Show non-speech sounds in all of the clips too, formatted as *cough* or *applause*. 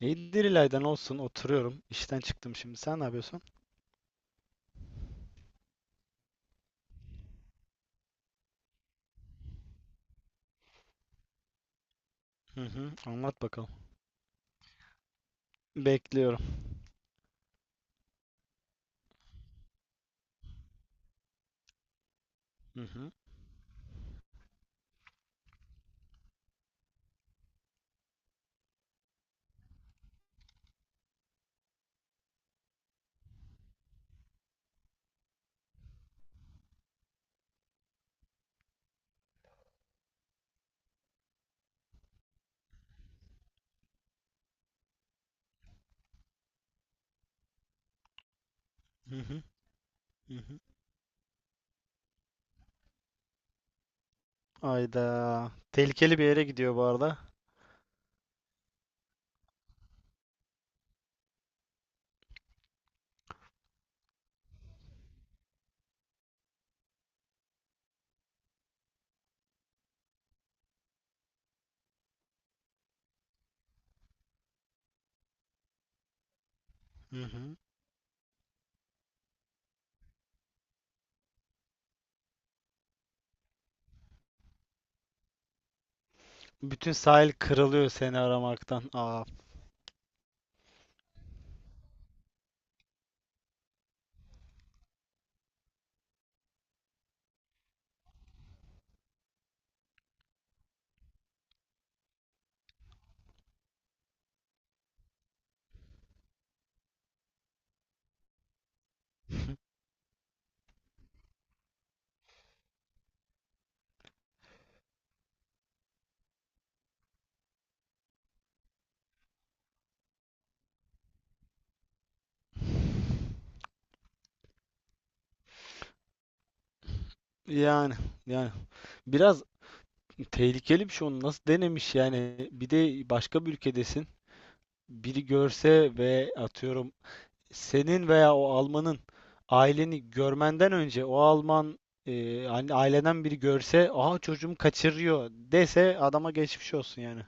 İyidir İlay'dan olsun oturuyorum. İşten çıktım şimdi. Sen ne yapıyorsun? Hı hı, anlat bakalım. Bekliyorum. Hı hı, hı hı, hı hı. Ayda. Tehlikeli bir yere gidiyor bu arada. Hı hı. Bütün sahil kırılıyor seni aramaktan. Aa. Yani yani biraz tehlikeli bir şey, onu nasıl denemiş yani? Bir de başka bir ülkedesin, biri görse ve atıyorum senin veya o Alman'ın aileni görmenden önce o Alman, hani aileden biri görse aha çocuğumu kaçırıyor dese, adama geçmiş olsun yani.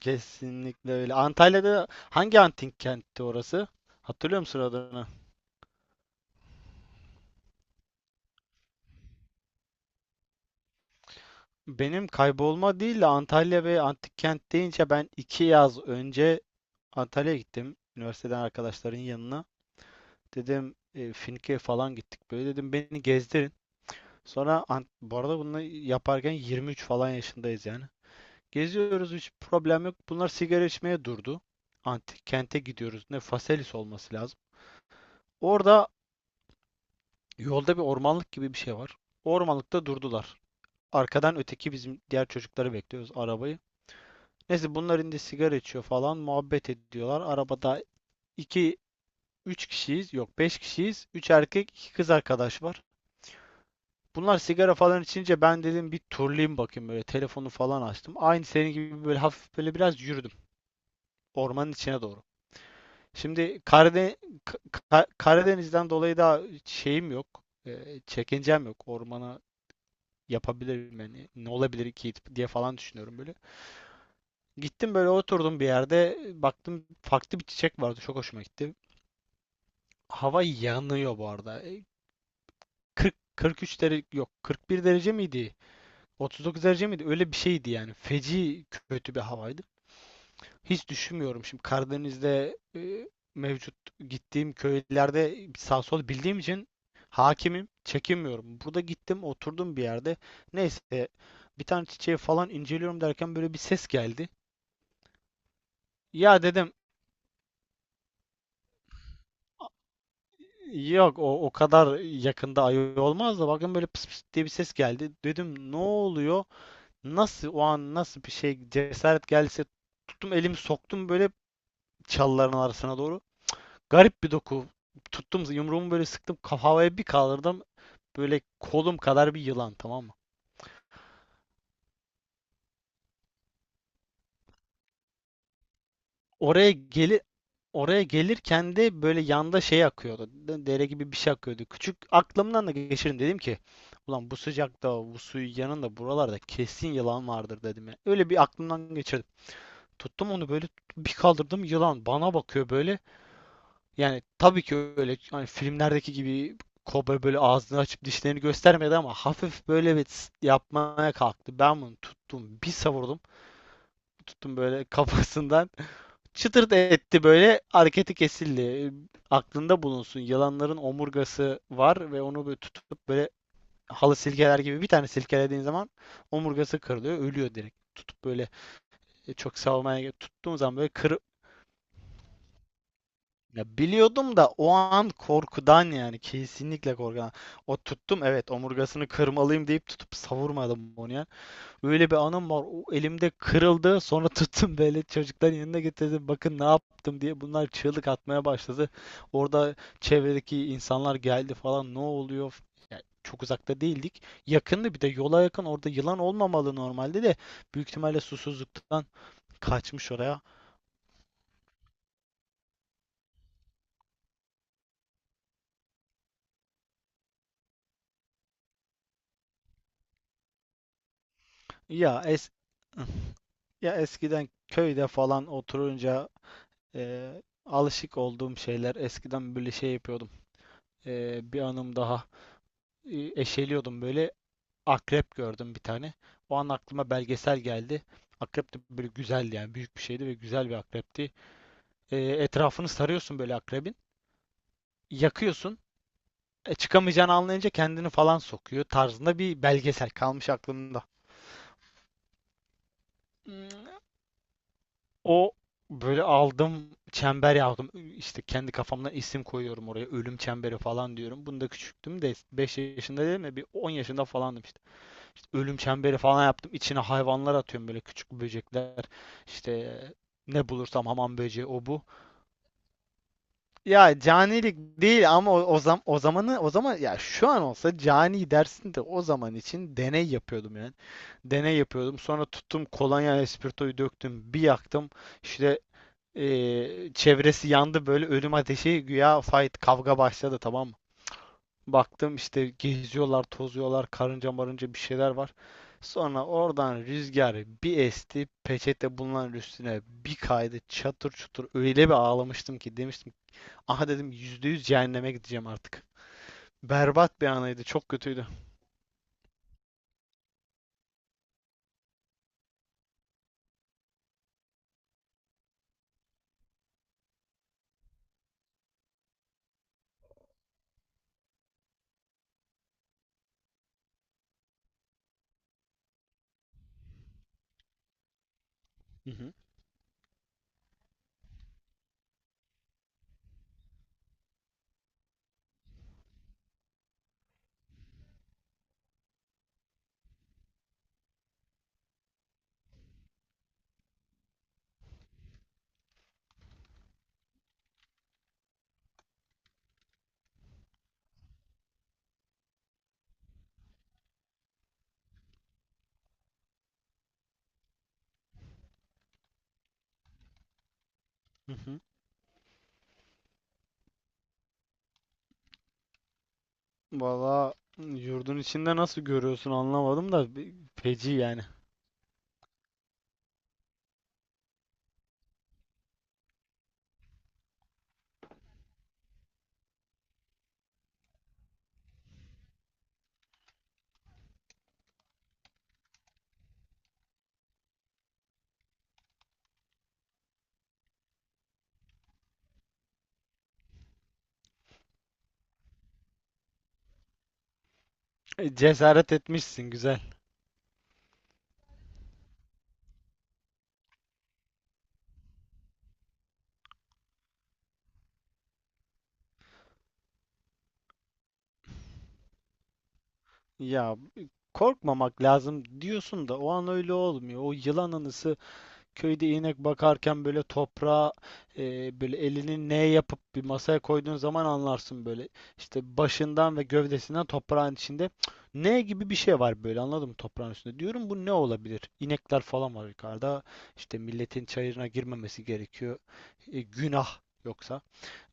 Kesinlikle öyle. Antalya'da hangi antik kentti orası? Hatırlıyor musun adını? Benim kaybolma değil de, Antalya ve antik kent deyince ben 2 yaz önce Antalya'ya gittim. Üniversiteden arkadaşların yanına. Dedim Finke'ye falan gittik böyle. Dedim beni gezdirin. Sonra bu arada bunu yaparken 23 falan yaşındayız yani. Geziyoruz, hiç problem yok. Bunlar sigara içmeye durdu. Antik kente gidiyoruz. Ne, Faselis olması lazım. Orada yolda bir ormanlık gibi bir şey var. Ormanlıkta durdular. Arkadan öteki bizim diğer çocukları bekliyoruz, arabayı. Neyse bunlar indi, sigara içiyor falan muhabbet ediyorlar. Arabada 2 3 kişiyiz. Yok, 5 kişiyiz. 3 erkek, 2 kız arkadaş var. Bunlar sigara falan içince ben dedim bir turlayayım bakayım, böyle telefonu falan açtım. Aynı senin gibi böyle hafif böyle biraz yürüdüm ormanın içine doğru. Şimdi Ka- Karadeniz'den dolayı da şeyim yok. Çekincem yok. Ormana yapabilirim yani. Ne olabilir ki diye falan düşünüyorum böyle. Gittim böyle oturdum bir yerde. Baktım farklı bir çiçek vardı. Çok hoşuma gitti. Hava yanıyor bu arada. 40 43 derece, yok 41 derece miydi? 39 derece miydi? Öyle bir şeydi yani. Feci kötü bir havaydı. Hiç düşünmüyorum şimdi Karadeniz'de, mevcut gittiğim köylerde sağ sol bildiğim için hakimim, çekinmiyorum. Burada gittim, oturdum bir yerde. Neyse bir tane çiçeği falan inceliyorum derken böyle bir ses geldi. Ya dedim yok, o kadar yakında ayı olmaz da, bakın böyle pıs pıs diye bir ses geldi. Dedim, ne oluyor? Nasıl o an nasıl bir şey cesaret gelse, tuttum elimi soktum böyle çalıların arasına doğru. Garip bir doku. Tuttum yumruğumu böyle, sıktım kafaya, bir kaldırdım. Böyle kolum kadar bir yılan, tamam mı? Oraya geli Oraya gelirken de böyle yanda şey akıyordu. Dere gibi bir şey akıyordu. Küçük aklımdan da geçirin dedim ki, ulan bu sıcakta bu suyun yanında buralarda kesin yılan vardır dedim ya. Öyle bir aklımdan geçirdim. Tuttum onu böyle, bir kaldırdım, yılan bana bakıyor böyle. Yani tabii ki öyle, hani filmlerdeki gibi kobra böyle ağzını açıp dişlerini göstermedi ama hafif böyle bir tıs yapmaya kalktı. Ben bunu tuttum, bir savurdum. Tuttum böyle kafasından *laughs* çıtırt etti, böyle hareketi kesildi. Aklında bulunsun, yılanların omurgası var ve onu böyle tutup böyle halı silkeler gibi bir tane silkelediğin zaman omurgası kırılıyor, ölüyor direkt. Tutup böyle, çok savmaya tuttuğum zaman böyle. Ya biliyordum da o an korkudan, yani kesinlikle korkudan. O tuttum, evet, omurgasını kırmalıyım deyip tutup savurmadım onu ya. Öyle bir anım var. O elimde kırıldı. Sonra *laughs* tuttum böyle çocukların yanına getirdim. Bakın ne yaptım diye, bunlar çığlık atmaya başladı. Orada çevredeki insanlar geldi falan, ne oluyor? Ya çok uzakta değildik. Yakındı, bir de yola yakın. Orada yılan olmamalı normalde de, büyük ihtimalle susuzluktan kaçmış oraya. Ya es *laughs* Ya eskiden köyde falan oturunca, e, alışık olduğum şeyler, eskiden böyle şey yapıyordum. Bir anım daha. Eşeliyordum böyle, akrep gördüm bir tane. O an aklıma belgesel geldi. Akrep de böyle güzeldi yani, büyük bir şeydi ve güzel bir akrepti. Etrafını sarıyorsun böyle akrebin. Yakıyorsun. Çıkamayacağını anlayınca kendini falan sokuyor tarzında bir belgesel kalmış aklımda. Hmm, O böyle aldım, çember yaptım. İşte kendi kafamdan isim koyuyorum oraya. Ölüm çemberi falan diyorum. Bunda küçüktüm de, 5 yaşında değil mi? Bir 10 yaşında falandım işte. İşte ölüm çemberi falan yaptım. İçine hayvanlar atıyorum, böyle küçük böcekler. İşte ne bulursam, hamam böceği, o, bu. Ya canilik değil ama o zaman ya şu an olsa cani dersin de, o zaman için deney yapıyordum yani. Deney yapıyordum. Sonra tuttum kolonya espritoyu döktüm, bir yaktım. İşte çevresi yandı, böyle ölüm ateşi güya, fight, kavga başladı, tamam mı? Baktım işte geziyorlar tozuyorlar, karınca marınca bir şeyler var. Sonra oradan rüzgar bir esti, peçete bulunan üstüne bir kaydı, çatır çutur, öyle bir ağlamıştım ki demiştim ki, aha dedim %100 cehenneme gideceğim artık. Berbat bir anıydı, çok kötüydü. Hı hı. Hı hı. Valla yurdun içinde nasıl görüyorsun anlamadım da, feci yani. Cesaret etmişsin, güzel. Ya korkmamak lazım diyorsun da o an öyle olmuyor. O yılan anısı, köyde inek bakarken böyle toprağa, böyle elini ne yapıp bir masaya koyduğun zaman anlarsın böyle. İşte başından ve gövdesinden toprağın içinde, Cık, ne gibi bir şey var böyle, anladın mı, toprağın üstünde. Diyorum, bu ne olabilir? İnekler falan var yukarıda. İşte milletin çayırına girmemesi gerekiyor. E, günah yoksa.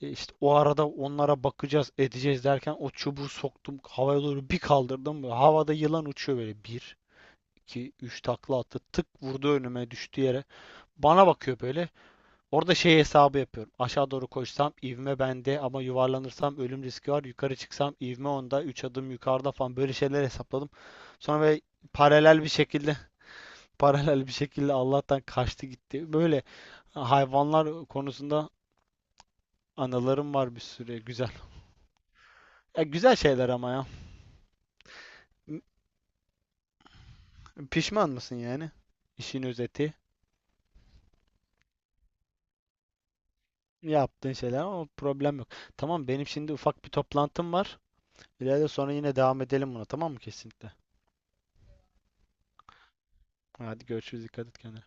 İşte o arada onlara bakacağız, edeceğiz derken, o çubuğu soktum, havaya doğru bir kaldırdım. Böyle havada yılan uçuyor böyle. Bir, iki, üç takla attı. Tık vurdu, önüme düştü yere. Bana bakıyor böyle. Orada şey hesabı yapıyorum. Aşağı doğru koşsam ivme bende ama yuvarlanırsam ölüm riski var. Yukarı çıksam ivme onda. Üç adım yukarıda falan böyle şeyler hesapladım. Sonra böyle paralel bir şekilde *laughs* paralel bir şekilde Allah'tan kaçtı gitti. Böyle hayvanlar konusunda anılarım var bir sürü, güzel. Ya güzel şeyler ama ya. M- Pişman mısın yani? İşin özeti. Yaptığın şeyler ama problem yok. Tamam, benim şimdi ufak bir toplantım var. İleride sonra yine devam edelim buna, tamam mı, kesinlikle? Hadi görüşürüz, dikkat et kendine.